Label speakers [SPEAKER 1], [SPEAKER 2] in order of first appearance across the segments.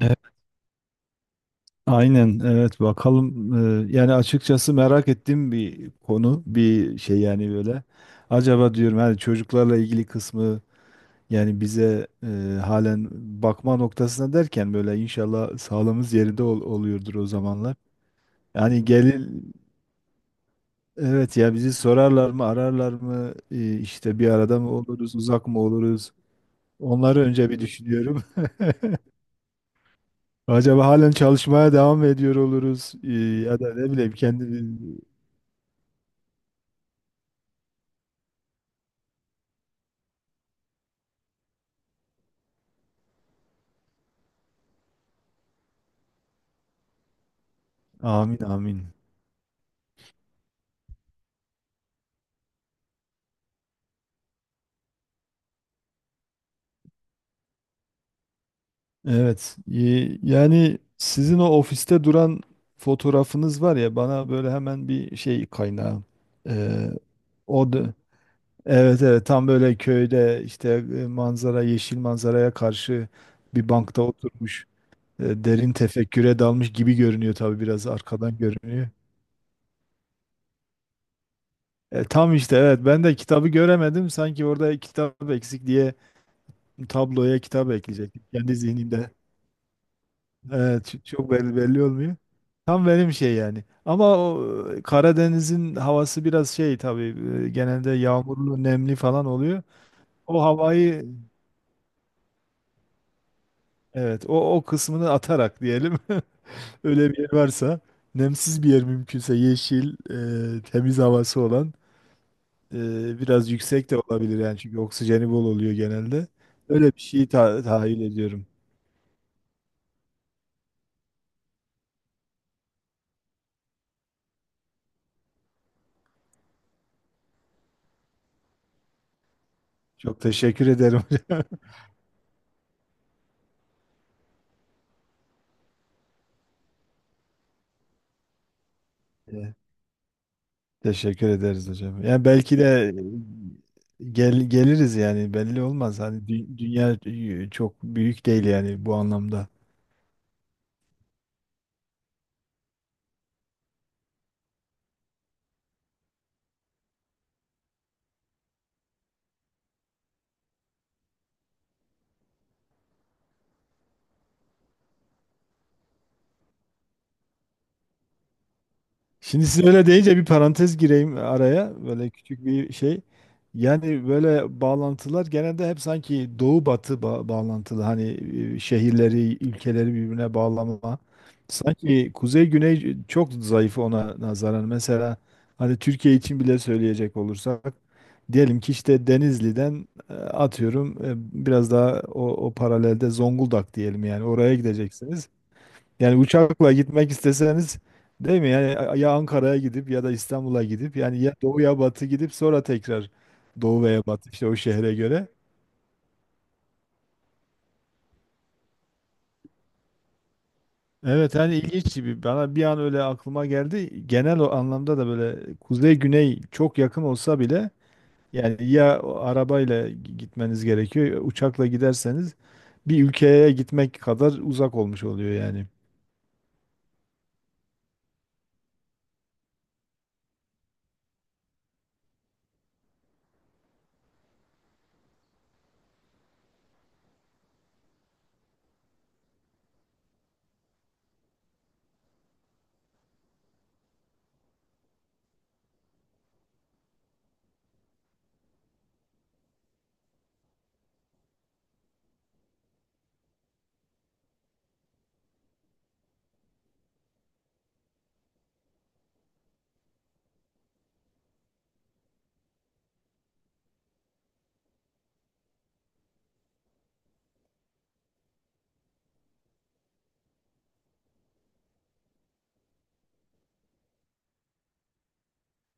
[SPEAKER 1] E, Aynen evet bakalım. Yani açıkçası merak ettiğim bir konu bir şey yani böyle acaba diyorum hani çocuklarla ilgili kısmı yani bize halen bakma noktasına derken böyle inşallah sağlığımız yerinde oluyordur o zamanlar. Yani gelir evet ya bizi sorarlar mı ararlar mı, işte bir arada mı oluruz uzak mı oluruz onları önce bir düşünüyorum. Acaba halen çalışmaya devam mı ediyor oluruz, ya da ne bileyim kendimiz. Amin amin. Evet. Yani sizin o ofiste duran fotoğrafınız var ya, bana böyle hemen bir şey kaynağı. Ee, O da evet, evet tam böyle köyde işte, manzara, yeşil manzaraya karşı bir bankta oturmuş derin tefekküre dalmış gibi görünüyor, tabii biraz arkadan görünüyor. Tam işte, evet ben de kitabı göremedim sanki, orada kitap eksik diye tabloya kitap ekleyecektim kendi zihnimde. Evet, çok belli, belli olmuyor. Tam benim şey yani. Ama o Karadeniz'in havası biraz şey tabii, genelde yağmurlu, nemli falan oluyor. O havayı, evet, o kısmını atarak diyelim. Öyle bir yer varsa, nemsiz bir yer mümkünse yeşil, temiz havası olan, biraz yüksek de olabilir yani, çünkü oksijeni bol oluyor genelde. Öyle bir şeyi tahayyül ediyorum. Çok teşekkür ederim hocam. Teşekkür ederiz hocam. Yani belki de geliriz yani, belli olmaz. Hani dünya çok büyük değil yani bu anlamda. Şimdi siz öyle deyince bir parantez gireyim araya. Böyle küçük bir şey. Yani böyle bağlantılar genelde hep sanki doğu batı bağlantılı. Hani şehirleri, ülkeleri birbirine bağlama. Sanki kuzey güney çok zayıf ona nazaran. Mesela hani Türkiye için bile söyleyecek olursak, diyelim ki işte Denizli'den atıyorum biraz daha o paralelde Zonguldak diyelim, yani oraya gideceksiniz. Yani uçakla gitmek isteseniz, değil mi? Yani ya Ankara'ya gidip ya da İstanbul'a gidip, yani ya doğu ya batı gidip sonra tekrar doğu veya batı, işte o şehre göre. Evet, hani ilginç gibi, bana bir an öyle aklıma geldi. Genel o anlamda da böyle kuzey güney çok yakın olsa bile yani, ya o arabayla gitmeniz gerekiyor ya uçakla giderseniz bir ülkeye gitmek kadar uzak olmuş oluyor yani.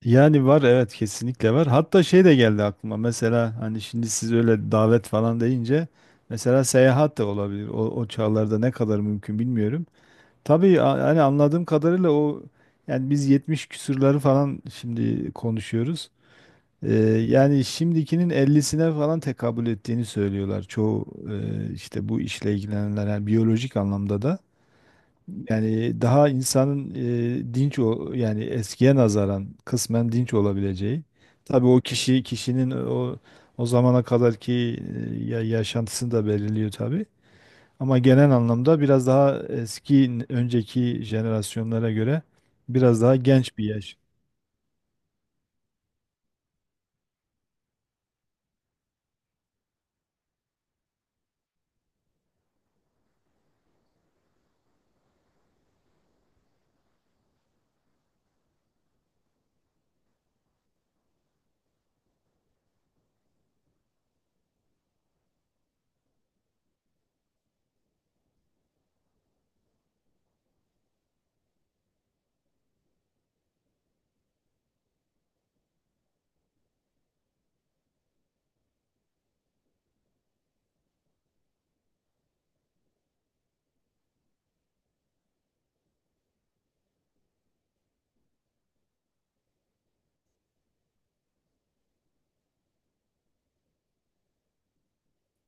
[SPEAKER 1] Yani var, evet kesinlikle var. Hatta şey de geldi aklıma, mesela hani şimdi siz öyle davet falan deyince, mesela seyahat de olabilir. O çağlarda ne kadar mümkün bilmiyorum. Tabii, hani anladığım kadarıyla o, yani biz 70 küsurları falan şimdi konuşuyoruz. Ee, Yani şimdikinin 50'sine falan tekabül ettiğini söylüyorlar çoğu işte bu işle ilgilenenler, yani biyolojik anlamda da. Yani daha insanın dinç, o yani eskiye nazaran kısmen dinç olabileceği. Tabii o kişi, kişinin o zamana kadarki yaşantısını da belirliyor tabii. Ama genel anlamda biraz daha eski, önceki jenerasyonlara göre biraz daha genç bir yaş.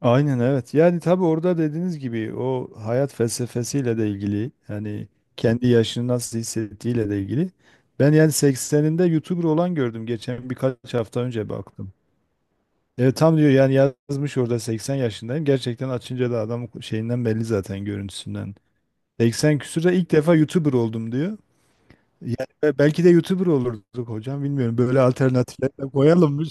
[SPEAKER 1] Aynen evet. Yani tabii orada dediğiniz gibi, o hayat felsefesiyle de ilgili yani, kendi yaşını nasıl hissettiğiyle de ilgili. Ben yani 80'inde YouTuber olan gördüm geçen, birkaç hafta önce baktım. Evet, tam diyor yani, yazmış orada 80 yaşındayım. Gerçekten açınca da adam şeyinden belli zaten, görüntüsünden. 80 küsürde ilk defa YouTuber oldum diyor. Yani belki de YouTuber olurduk hocam, bilmiyorum. Böyle alternatifler de koyalım.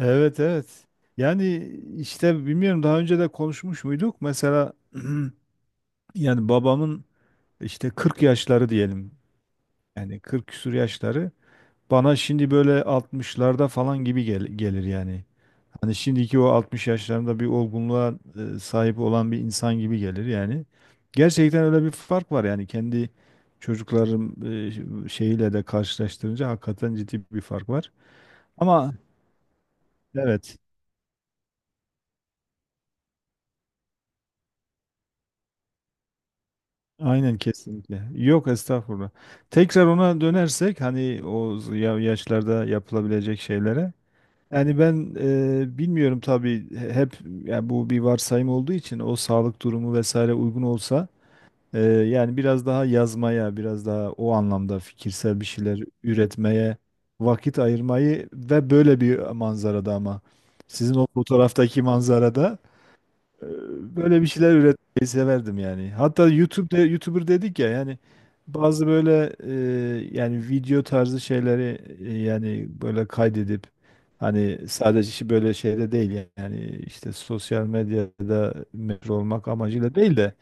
[SPEAKER 1] Evet, evet. Yani işte bilmiyorum, daha önce de konuşmuş muyduk? Mesela yani babamın işte 40 yaşları diyelim. Yani 40 küsur yaşları bana şimdi böyle 60'larda falan gibi gelir yani. Hani şimdiki o 60 yaşlarında bir olgunluğa sahip olan bir insan gibi gelir yani. Gerçekten öyle bir fark var, yani kendi çocuklarım şeyiyle de karşılaştırınca hakikaten ciddi bir fark var. Ama evet. Aynen kesinlikle. Yok estağfurullah. Tekrar ona dönersek, hani o yaşlarda yapılabilecek şeylere. Yani ben bilmiyorum tabii, hep yani bu bir varsayım olduğu için, o sağlık durumu vesaire uygun olsa yani biraz daha yazmaya, biraz daha o anlamda fikirsel bir şeyler üretmeye vakit ayırmayı, ve böyle bir manzarada, ama sizin o fotoğraftaki manzarada, ee, böyle bir şeyler üretmeyi severdim yani. Hatta YouTube'da YouTuber dedik ya yani, bazı böyle yani video tarzı şeyleri yani böyle kaydedip, hani sadece işi böyle şeyde değil yani, işte sosyal medyada meşhur olmak amacıyla değil de,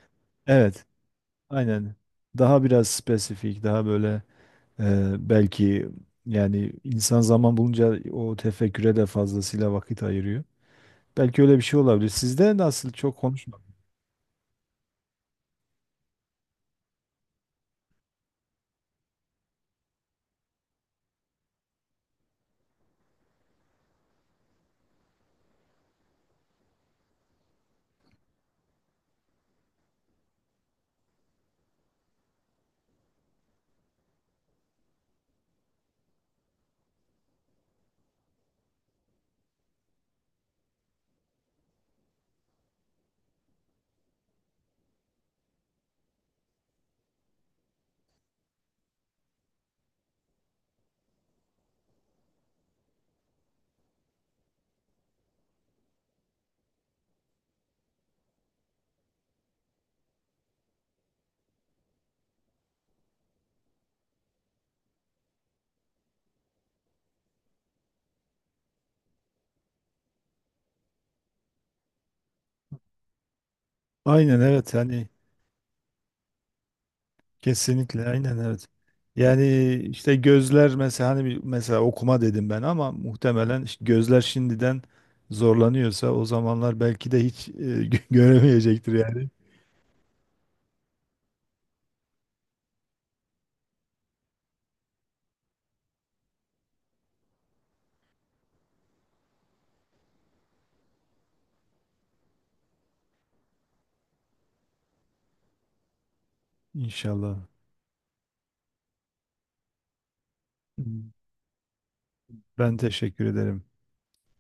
[SPEAKER 1] evet aynen, daha biraz spesifik, daha böyle belki yani, insan zaman bulunca o tefekküre de fazlasıyla vakit ayırıyor. Belki öyle bir şey olabilir. Sizde nasıl, çok konuşmadım. Aynen evet, hani kesinlikle, aynen evet. Yani işte gözler mesela, hani mesela okuma dedim ben, ama muhtemelen işte gözler şimdiden zorlanıyorsa, o zamanlar belki de hiç göremeyecektir yani. İnşallah. Ben teşekkür ederim.